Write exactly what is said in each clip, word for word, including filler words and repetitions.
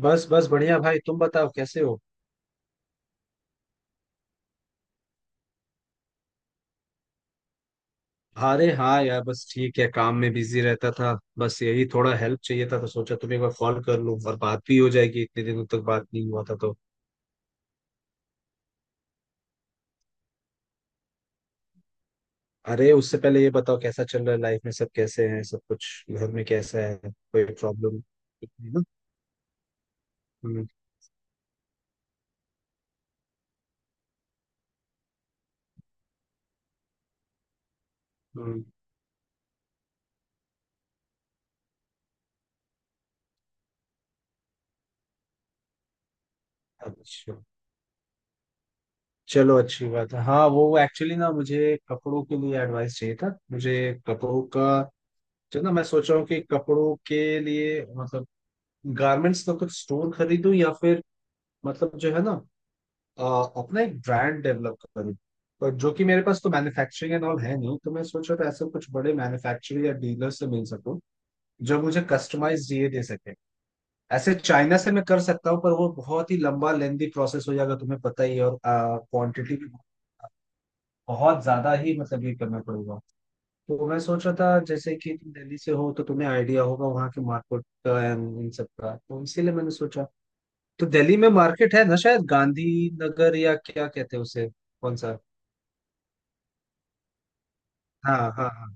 बस बस बढ़िया भाई, तुम बताओ कैसे हो। अरे हाँ यार, बस ठीक है, काम में बिजी रहता था। बस यही थोड़ा हेल्प चाहिए था तो सोचा तुम्हें एक बार कॉल कर लूँ, और बात भी हो जाएगी, इतने दिनों तक बात नहीं हुआ था तो। अरे उससे पहले ये बताओ कैसा चल रहा है लाइफ में, सब कैसे हैं, सब कुछ घर में कैसा है, कोई प्रॉब्लम। हम्म, हम्म। अच्छा, चलो अच्छी बात है। हाँ वो एक्चुअली ना मुझे कपड़ों के लिए एडवाइस चाहिए था। मुझे कपड़ों का, जो ना मैं सोच रहा हूँ कि कपड़ों के लिए मतलब गारमेंट्स का कुछ स्टोर खरीदूं, या फिर मतलब जो है ना, अ, अपना एक ब्रांड डेवलप करूं। पर जो कि मेरे पास तो मैन्युफैक्चरिंग एंड ऑल है नहीं, तो मैं सोच रहा था ऐसे कुछ बड़े मैन्युफैक्चरर या डीलर से मिल सकूं जो मुझे कस्टमाइज ये दे सके। ऐसे चाइना से मैं कर सकता हूँ पर वो बहुत ही लंबा लेंदी प्रोसेस हो जाएगा, तुम्हें पता ही है, और क्वांटिटी भी बहुत ज्यादा ही मतलब ये करना पड़ेगा। तो मैं सोच रहा था जैसे कि तुम दिल्ली से हो तो तुम्हें आइडिया होगा वहाँ के मार्केट का एंड इन सब का, तो इसीलिए मैंने सोचा। तो दिल्ली में मार्केट है ना, शायद गांधी नगर या क्या कहते हैं उसे, कौन सा। हाँ हाँ हाँ।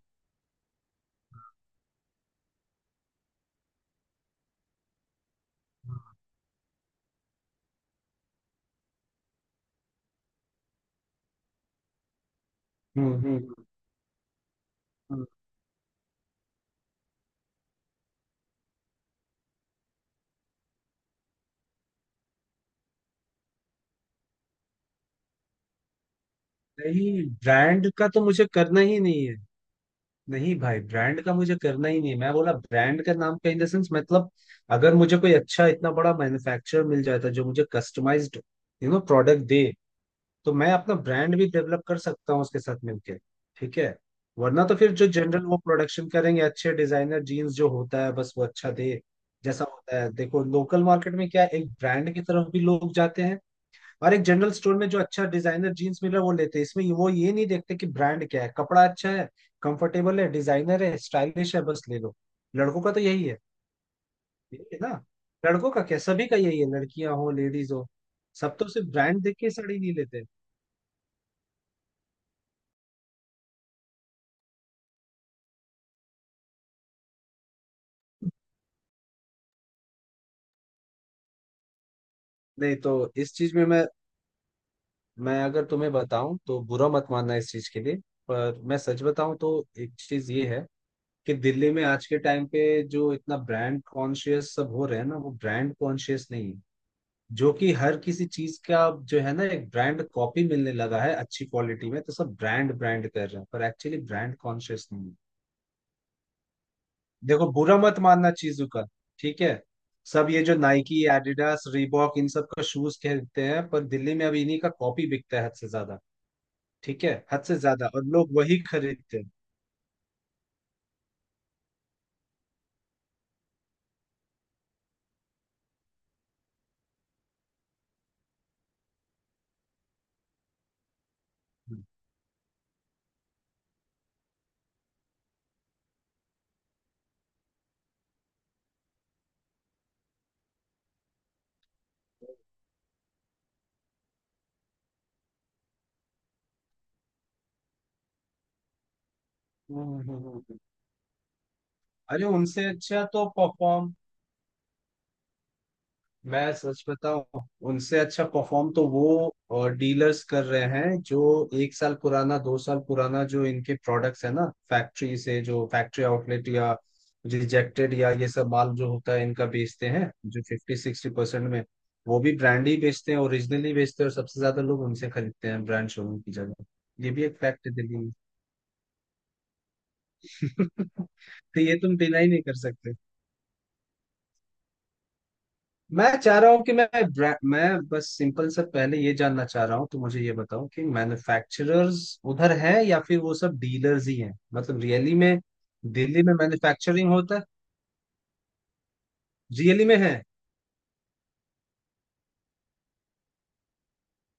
हम्म हम्म हम्म। नहीं, ब्रांड का तो मुझे करना ही नहीं है। नहीं भाई, ब्रांड का मुझे करना ही नहीं है, मैं बोला ब्रांड का नाम का इन द सेंस मतलब, अगर मुझे कोई अच्छा इतना बड़ा मैन्युफैक्चरर मिल जाता जो मुझे कस्टमाइज्ड यू नो प्रोडक्ट दे, तो मैं अपना ब्रांड भी डेवलप कर सकता हूँ उसके साथ मिलके। ठीक है। वरना तो फिर जो जनरल वो प्रोडक्शन करेंगे अच्छे डिजाइनर जीन्स जो होता है बस वो अच्छा दे। जैसा होता है, देखो लोकल मार्केट में क्या है, एक ब्रांड की तरफ भी लोग जाते हैं, और एक जनरल स्टोर में जो अच्छा डिजाइनर जीन्स मिल रहा है वो लेते हैं, इसमें वो ये नहीं देखते कि ब्रांड क्या है। कपड़ा अच्छा है, कंफर्टेबल है, डिजाइनर है, स्टाइलिश है, बस ले लो। लड़कों का तो यही है। यही है ना। लड़कों का क्या, सभी का यही है, लड़कियां हो, लेडीज हो। सब तो सिर्फ ब्रांड देख के साड़ी नहीं लेते। नहीं तो इस चीज में मैं मैं अगर तुम्हें बताऊं तो बुरा मत मानना इस चीज के लिए, पर मैं सच बताऊं तो एक चीज ये है कि दिल्ली में आज के टाइम पे जो इतना ब्रांड कॉन्शियस सब हो रहे हैं ना वो ब्रांड कॉन्शियस नहीं है। जो कि हर किसी चीज का जो है ना एक ब्रांड कॉपी मिलने लगा है अच्छी क्वालिटी में, तो सब ब्रांड ब्रांड कर रहे हैं पर एक्चुअली ब्रांड कॉन्शियस नहीं है। देखो बुरा मत मानना चीजों का। ठीक है। सब ये जो नाइकी एडिडास रीबॉक इन सब का शूज खरीदते हैं, पर दिल्ली में अब इन्हीं का कॉपी बिकता है हद से ज्यादा। ठीक है हद से ज्यादा, और लोग वही खरीदते हैं। हम्म। हम्म, हम्म, हम्म। अरे उनसे अच्छा तो परफॉर्म, मैं सच बताऊं, उनसे अच्छा परफॉर्म तो वो डीलर्स कर रहे हैं जो एक साल पुराना दो साल पुराना जो इनके प्रोडक्ट्स है ना, फैक्ट्री से जो फैक्ट्री आउटलेट या रिजेक्टेड या ये सब माल जो होता है इनका बेचते हैं जो फिफ्टी सिक्सटी परसेंट में। वो भी ब्रांड ही बेचते हैं, ओरिजिनली बेचते हैं, और सबसे ज्यादा लोग उनसे खरीदते हैं ब्रांड शोरूम की जगह। ये भी एक फैक्ट है दिल्ली। तो ये तुम डिनाई नहीं कर सकते। मैं चाह रहा हूँ कि मैं ब्रा- मैं बस सिंपल सा पहले ये जानना चाह रहा हूँ, तो मुझे ये बताओ कि मैन्युफैक्चरर्स उधर है या फिर वो सब डीलर्स ही हैं मतलब रियली में। दिल्ली में मैन्युफैक्चरिंग होता है, रियली में है।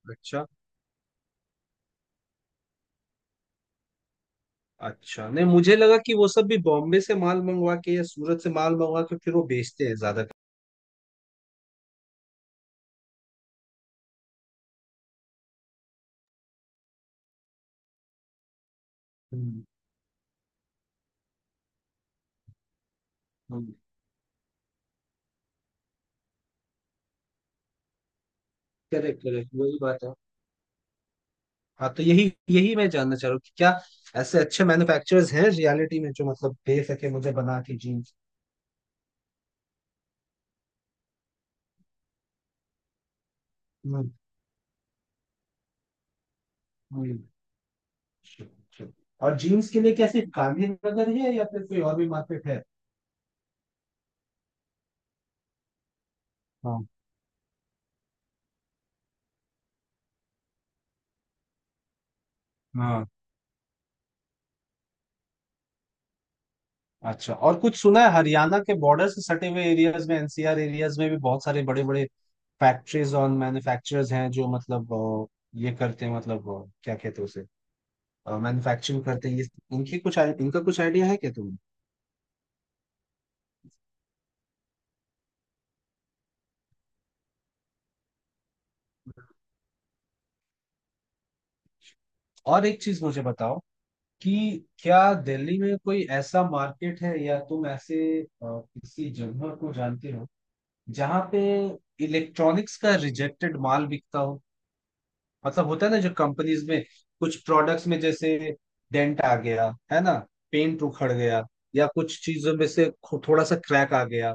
अच्छा। अच्छा नहीं, मुझे लगा कि वो सब भी बॉम्बे से माल मंगवा के या सूरत से माल मंगवा के फिर वो बेचते हैं ज्यादा। हम्म। करेक्ट करेक्ट, वही बात है। हाँ तो यही यही मैं जानना चाह रहा हूँ कि क्या ऐसे अच्छे मैन्युफैक्चरर्स हैं रियलिटी में जो मतलब दे सके मुझे बना के जीन्स। हम्म। हम्म, sure, sure. और जीन्स के लिए कैसे, गांधीनगर है या फिर कोई और भी मार्केट है। हाँ हाँ। अच्छा और कुछ सुना है हरियाणा के बॉर्डर से सटे हुए एरियाज में एन सी आर एरियाज में भी बहुत सारे बड़े बड़े फैक्ट्रीज और मैन्युफैक्चरर्स हैं जो मतलब अ, ये करते हैं, मतलब अ, क्या कहते हैं उसे, मैन्युफैक्चरिंग करते हैं ये। इनकी कुछ i- इनका कुछ आइडिया है क्या तुम्हें। और एक चीज मुझे बताओ कि क्या दिल्ली में कोई ऐसा मार्केट है या तुम ऐसे अ, किसी जगह को जानते हो जहाँ पे इलेक्ट्रॉनिक्स का रिजेक्टेड माल बिकता हो। मतलब होता है ना जो कंपनीज में कुछ प्रोडक्ट्स में जैसे डेंट आ गया है ना, पेंट उखड़ गया, या कुछ चीजों में से खो- थोड़ा सा क्रैक आ गया,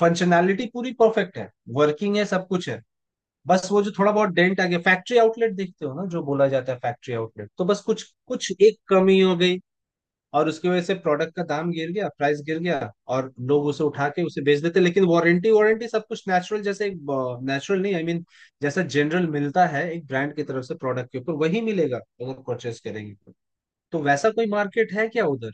फंक्शनैलिटी पूरी परफेक्ट है, वर्किंग है, सब कुछ है, बस वो जो थोड़ा बहुत डेंट आ गया। फैक्ट्री आउटलेट देखते हो ना जो बोला जाता है फैक्ट्री आउटलेट, तो बस कुछ कुछ एक कमी हो गई और उसकी वजह से प्रोडक्ट का दाम गिर गया, प्राइस गिर गया, और लोग उसे उठा के उसे बेच देते। लेकिन वारंटी, वारंटी सब कुछ नेचुरल, जैसे नेचुरल नहीं आई, I मीन mean, जैसा जनरल मिलता है एक ब्रांड की तरफ से प्रोडक्ट के ऊपर, वही मिलेगा अगर परचेस करेंगे तो। तो वैसा कोई मार्केट है क्या उधर।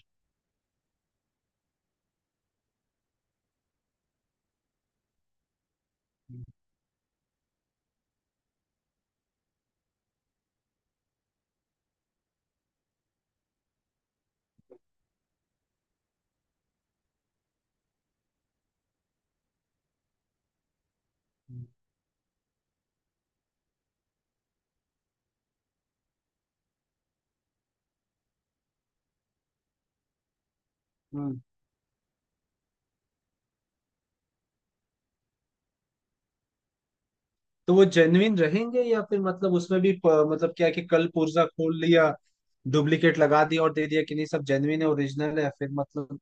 हम्म। तो वो जेन्युइन रहेंगे या फिर मतलब उसमें भी प- मतलब क्या है कि कल पुर्जा खोल लिया डुप्लीकेट लगा दिया और दे दिया, कि नहीं सब जेन्युइन है, ओरिजिनल है, फिर मतलब।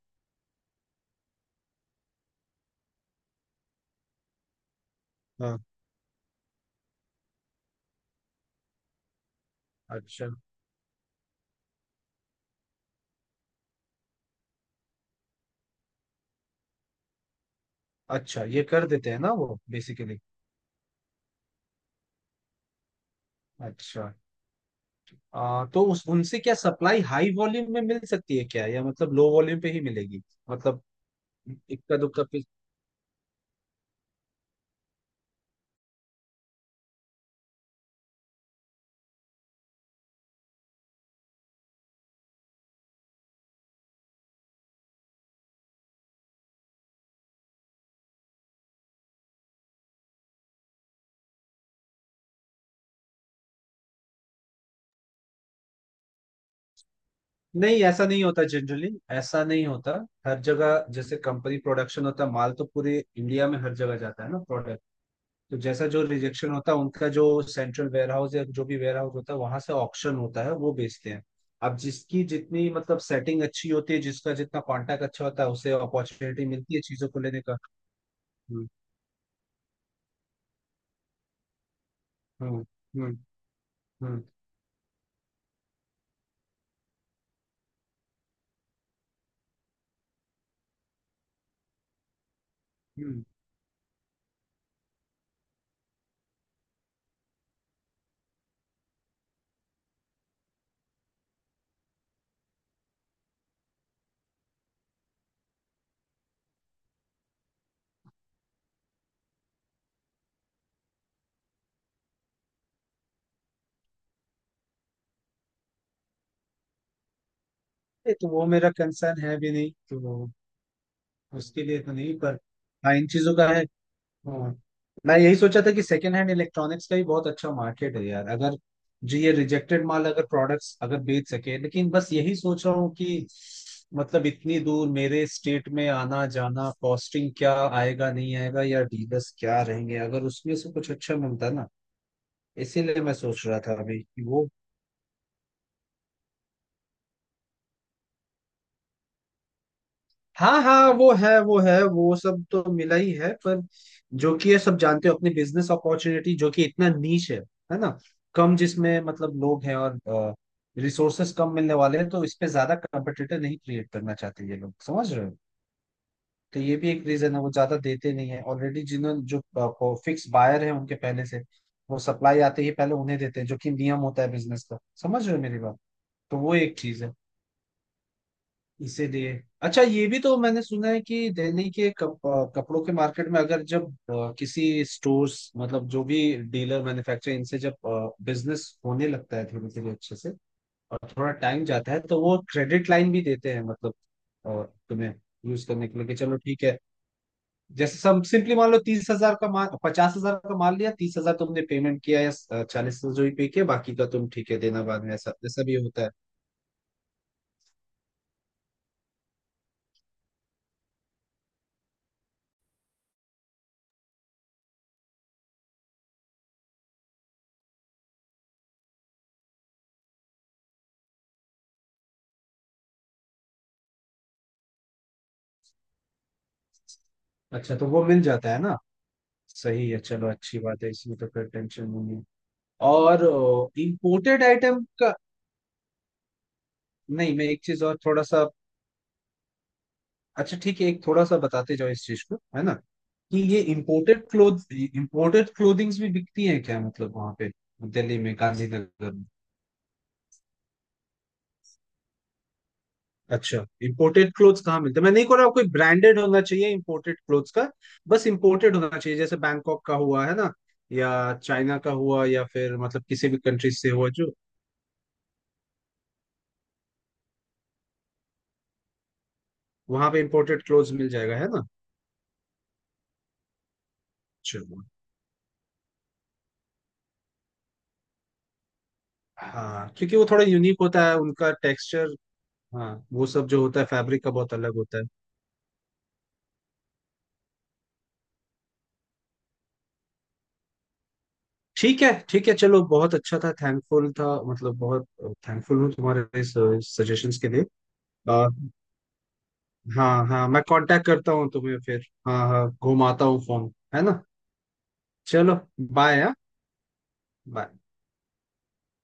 हाँ। अच्छा। अच्छा ये कर देते हैं ना वो बेसिकली। अच्छा। आ, तो उस उनसे क्या सप्लाई हाई वॉल्यूम में मिल सकती है क्या, या मतलब लो वॉल्यूम पे ही मिलेगी, मतलब इक्का दुक्का पे। नहीं ऐसा नहीं होता जनरली, ऐसा नहीं होता। हर जगह जैसे कंपनी प्रोडक्शन होता है माल तो पूरे इंडिया में हर जगह जाता है ना प्रोडक्ट। तो जैसा जो रिजेक्शन होता है उनका जो सेंट्रल वेयर हाउस या जो भी वेयर हाउस होता है, वहां से ऑक्शन होता है, वो बेचते हैं। अब जिसकी जितनी मतलब सेटिंग अच्छी होती है, जिसका जितना कॉन्टैक्ट अच्छा होता है, उसे अपॉर्चुनिटी मिलती है चीजों को लेने का। हम्म, हम्म, हम्म, हम्म, हम्म। नहीं, तो वो मेरा कंसर्न है भी नहीं तो वो, उसके लिए तो नहीं, पर हाँ इन चीजों का है। हाँ मैं यही सोचा था कि सेकेंड हैंड इलेक्ट्रॉनिक्स का ही बहुत अच्छा मार्केट है यार, अगर जो ये रिजेक्टेड माल अगर प्रोडक्ट्स अगर बेच सके, लेकिन बस यही सोच रहा हूँ कि मतलब इतनी दूर मेरे स्टेट में आना जाना कॉस्टिंग क्या आएगा नहीं आएगा, या डीलर्स क्या रहेंगे, अगर उसमें से कुछ अच्छा मिलता ना, इसीलिए मैं सोच रहा था अभी कि वो। हाँ हाँ, वो है, वो है, वो सब तो मिला ही है, पर जो कि ये सब जानते हो अपनी बिजनेस अपॉर्चुनिटी जो कि इतना नीच है है ना, कम जिसमें मतलब लोग हैं, और रिसोर्सेस कम मिलने वाले हैं, तो इस पे ज्यादा कंपटीटर नहीं क्रिएट करना चाहते ये लोग, समझ रहे हो। तो ये भी एक रीजन है, वो ज्यादा देते नहीं है, ऑलरेडी जिन्होंने जो फिक्स बायर है उनके पहले से, वो सप्लाई आते ही पहले उन्हें देते हैं, जो कि नियम होता है बिजनेस का, समझ रहे हो मेरी बात। तो वो एक चीज है। इसीलिए अच्छा ये भी तो मैंने सुना है कि दिल्ली के कप, अ, कपड़ों के मार्केट में अगर जब अ, किसी स्टोर्स मतलब जो भी डीलर मैन्युफैक्चरर इनसे जब बिजनेस होने लगता है धीरे धीरे अच्छे से, और थोड़ा टाइम जाता है, तो वो क्रेडिट लाइन भी देते हैं मतलब अ, तुम्हें यूज करने के लिए कि चलो ठीक है। जैसे सब सिंपली मान लो तीस हजार का माल, पचास हजार का माल लिया, तीस हजार तुमने पेमेंट किया या चालीस हजार जो भी पे किया, बाकी का तुम ठीक है देना बाद में, ऐसा ऐसा भी होता है। अच्छा तो वो मिल जाता है ना। सही है, चलो अच्छी बात है, इसमें तो फिर टेंशन नहीं है। और इंपोर्टेड आइटम का, नहीं मैं एक चीज और थोड़ा सा, अच्छा ठीक है एक थोड़ा सा बताते जाओ इस चीज को है ना, कि ये इम्पोर्टेड क्लोथ इम्पोर्टेड क्लोथिंग्स भी बिकती हैं क्या मतलब वहां पे दिल्ली में गांधीनगर में। अच्छा इम्पोर्टेड क्लोथ्स कहाँ मिलते हैं, मैं नहीं कह रहा आपको एक ब्रांडेड होना चाहिए इम्पोर्टेड क्लोथ्स का, बस इम्पोर्टेड होना चाहिए, जैसे बैंकॉक का हुआ है ना, या चाइना का हुआ या फिर मतलब किसी भी कंट्री से हुआ जो। वहां पे इम्पोर्टेड क्लोथ्स मिल जाएगा है ना। चलो। हाँ क्योंकि वो थोड़ा यूनिक होता है उनका टेक्सचर। हाँ वो सब जो होता है फैब्रिक का बहुत अलग होता है। ठीक है, ठीक है, चलो बहुत अच्छा था, थैंकफुल था, मतलब बहुत थैंकफुल हूँ तुम्हारे इस सजेशंस के लिए। आ, हाँ हाँ मैं कांटेक्ट करता हूँ तुम्हें फिर, हाँ हाँ घुमाता हूँ फोन है ना। चलो, बाय हाँ। बाय।